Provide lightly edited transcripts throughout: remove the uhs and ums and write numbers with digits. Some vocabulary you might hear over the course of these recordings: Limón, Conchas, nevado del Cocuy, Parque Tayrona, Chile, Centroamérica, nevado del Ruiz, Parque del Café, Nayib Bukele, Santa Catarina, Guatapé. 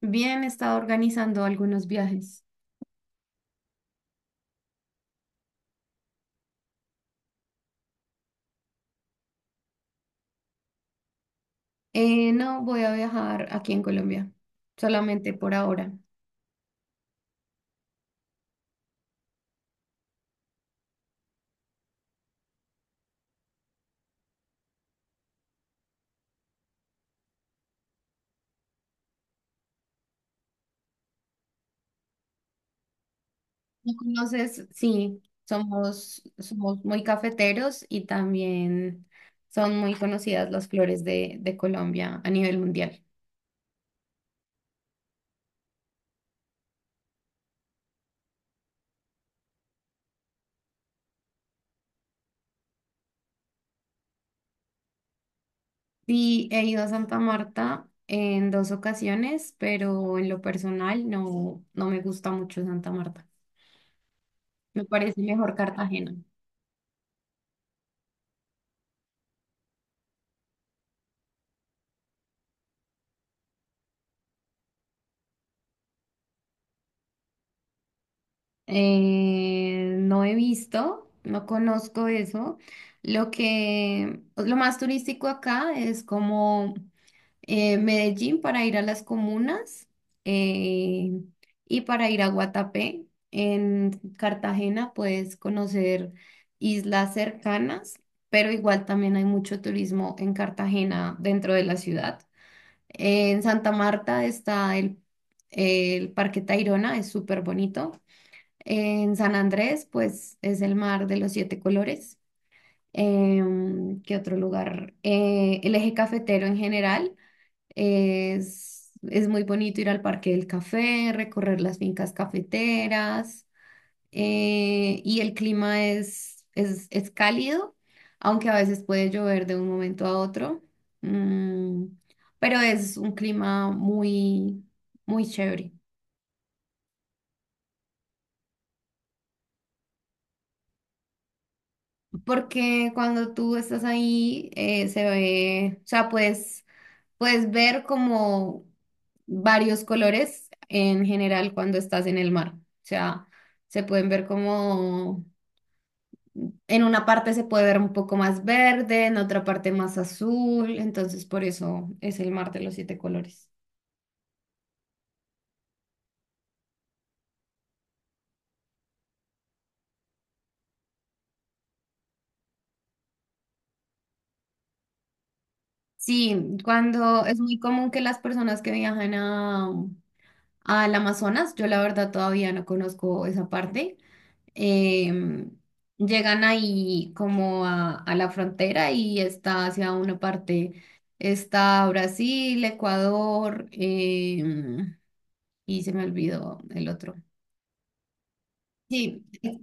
Bien, he estado organizando algunos viajes. No voy a viajar aquí en Colombia, solamente por ahora. ¿Me conoces? Sí, somos muy cafeteros y también son muy conocidas las flores de Colombia a nivel mundial. Sí, he ido a Santa Marta en dos ocasiones, pero en lo personal no me gusta mucho Santa Marta. Me parece mejor Cartagena. No he visto, no conozco eso. Lo que, pues, lo más turístico acá es como Medellín para ir a las comunas eh, y para ir a Guatapé. En Cartagena puedes conocer islas cercanas, pero igual también hay mucho turismo en Cartagena dentro de la ciudad. En Santa Marta está el Parque Tayrona, es súper bonito. En San Andrés, pues es el mar de los siete colores. ¿Qué otro lugar? El eje cafetero en general es muy bonito ir al Parque del Café, recorrer las fincas cafeteras y el clima es cálido, aunque a veces puede llover de un momento a otro, Mm, pero es un clima muy, muy chévere. Porque cuando tú estás ahí, se ve, o sea, puedes ver como varios colores en general cuando estás en el mar. O sea, se pueden ver como, en una parte se puede ver un poco más verde, en otra parte más azul, entonces por eso es el mar de los siete colores. Sí, cuando es muy común que las personas que viajan al Amazonas, yo la verdad todavía no conozco esa parte eh, llegan ahí como a la frontera y está hacia una parte, está Brasil, Ecuador, y se me olvidó el otro. Sí,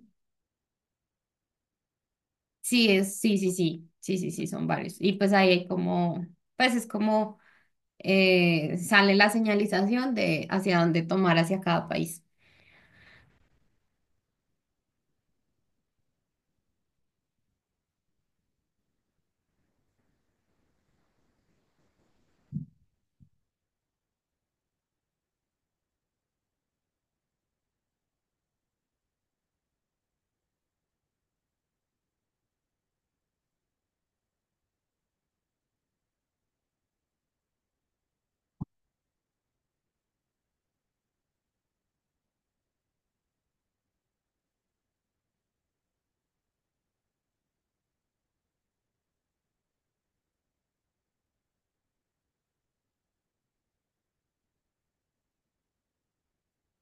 sí, sí, sí, sí, sí, sí, sí, son varios. Y pues ahí hay como, pues es como sale la señalización de hacia dónde tomar hacia cada país.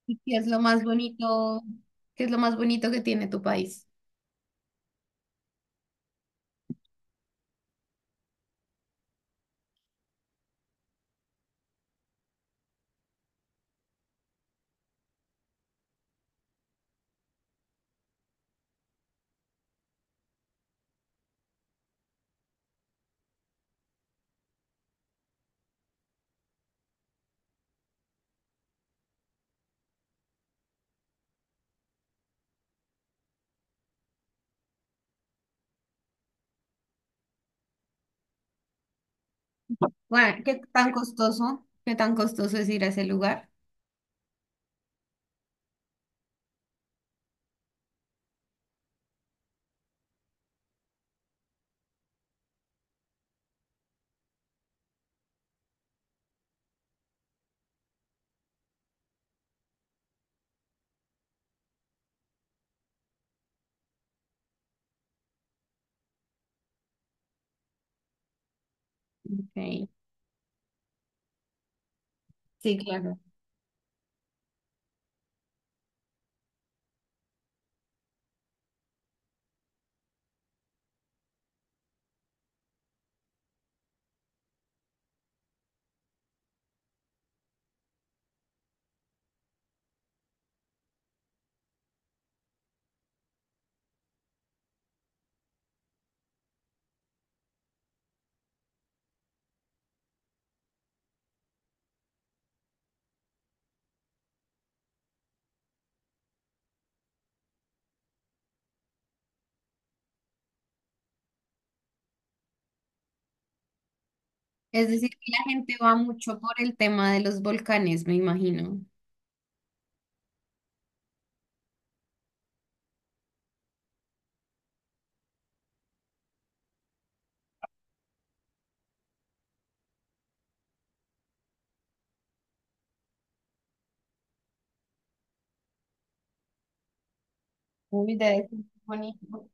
¿Y qué es lo más bonito? ¿Qué es lo más bonito que tiene tu país? Bueno, ¿qué tan costoso? ¿Qué tan costoso es ir a ese lugar? Ok. Sí, claro. Es decir, que la gente va mucho por el tema de los volcanes, me imagino. Uy, debe ser bonito.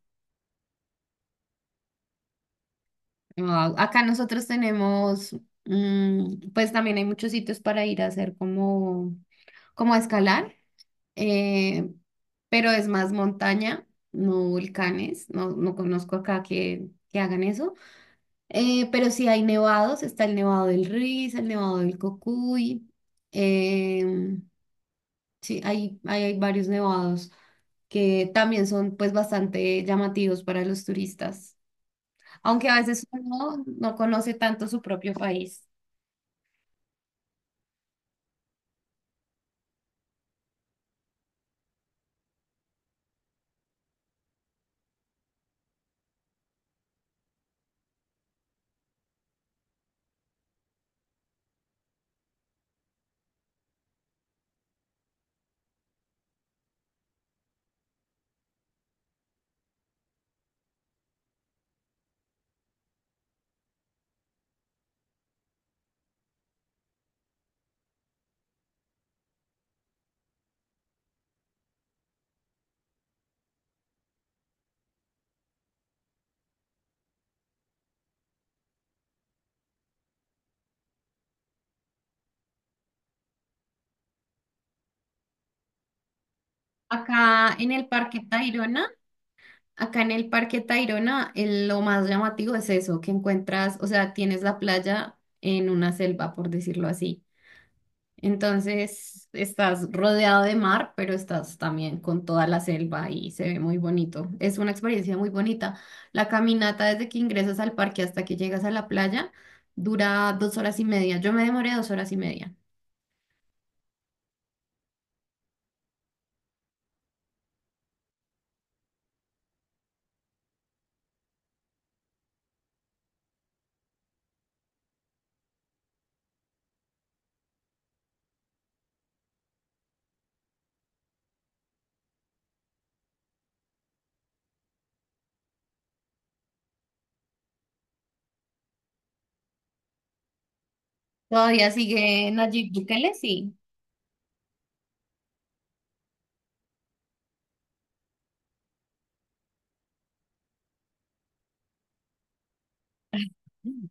Wao, acá nosotros tenemos, pues también hay muchos sitios para ir a hacer como, a escalar, eh, pero es más montaña, no volcanes. No, no conozco acá que hagan eso. Pero sí hay nevados, está el nevado del Riz, el nevado del Cocuy. em, sí, hay varios nevados que también son pues bastante llamativos para los turistas, aunque a veces uno no conoce tanto su propio país. Acá en el Parque Tayrona, acá en el Parque Tayrona, lo más llamativo es eso, que encuentras, o sea, tienes la playa en una selva, por decirlo así. Entonces estás rodeado de mar, pero estás también con toda la selva y se ve muy bonito. Es una experiencia muy bonita. La caminata desde que ingresas al parque hasta que llegas a la playa dura 2 horas y media. Yo me demoré 2 horas y media. Todavía sigue Nayib Bukele, sí.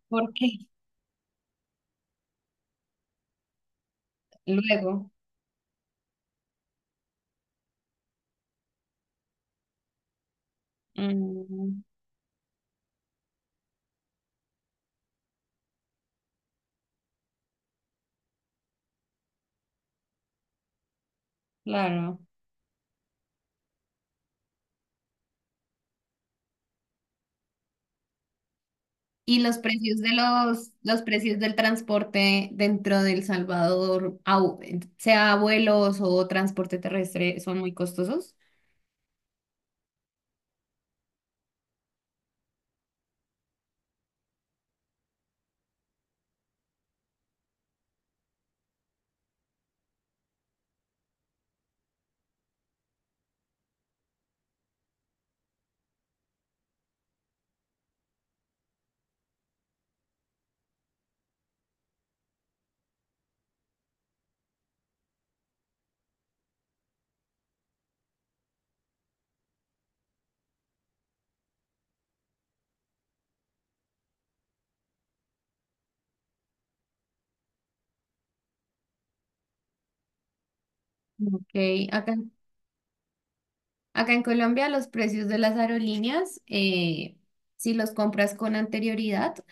¿Por qué? Luego. Mm, claro. Y los precios de los precios del transporte dentro de El Salvador, sea vuelos o transporte terrestre, son muy costosos. Ok, acá, acá en Colombia los precios de las aerolíneas, si los compras con anterioridad,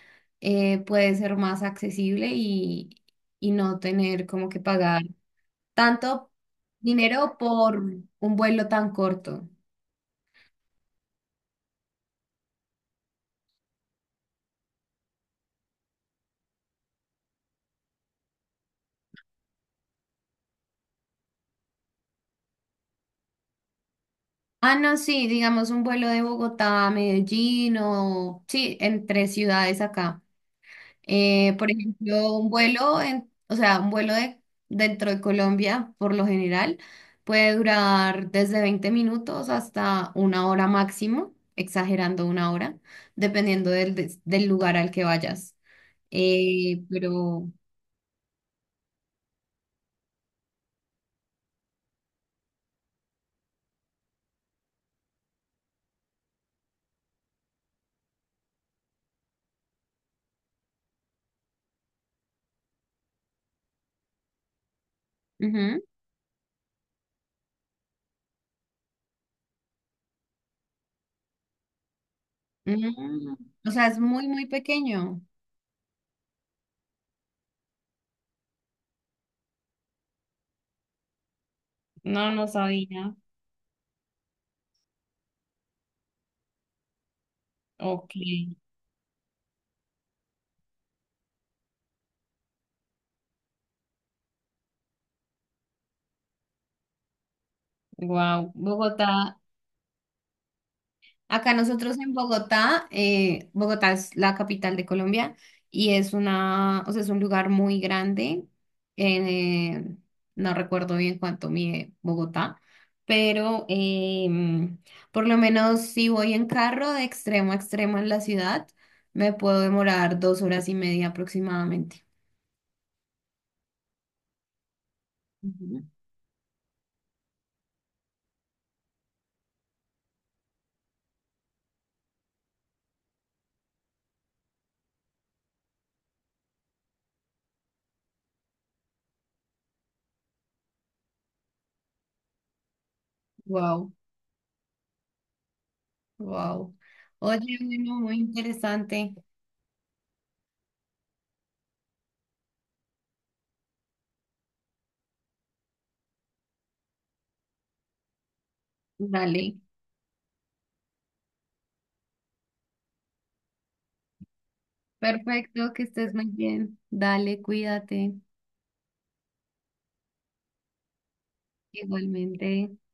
puede ser más accesible y no tener como que pagar tanto dinero por un vuelo tan corto. Ah, no, sí, digamos un vuelo de Bogotá a Medellín o sí, entre ciudades acá. Por ejemplo, un vuelo en, o sea, un vuelo de dentro de Colombia, por lo general, puede durar desde 20 minutos hasta una hora máximo, exagerando una hora, dependiendo del lugar al que vayas. Pero, ujú, mm, o sea, es muy, muy pequeño. No, no sabía. Ok, wow. Bogotá Acá nosotros en Bogotá, Bogotá es la capital de Colombia y es una, o sea, es un lugar muy grande. eh, no recuerdo bien cuánto mide Bogotá, pero em, por lo menos si voy en carro de extremo a extremo en la ciudad, me puedo demorar 2 horas y media aproximadamente. Ujú. Wow, wow. Oye, bueno, muy interesante. Dale. Perfecto, que estés muy bien. Dale, cuídate. Igualmente.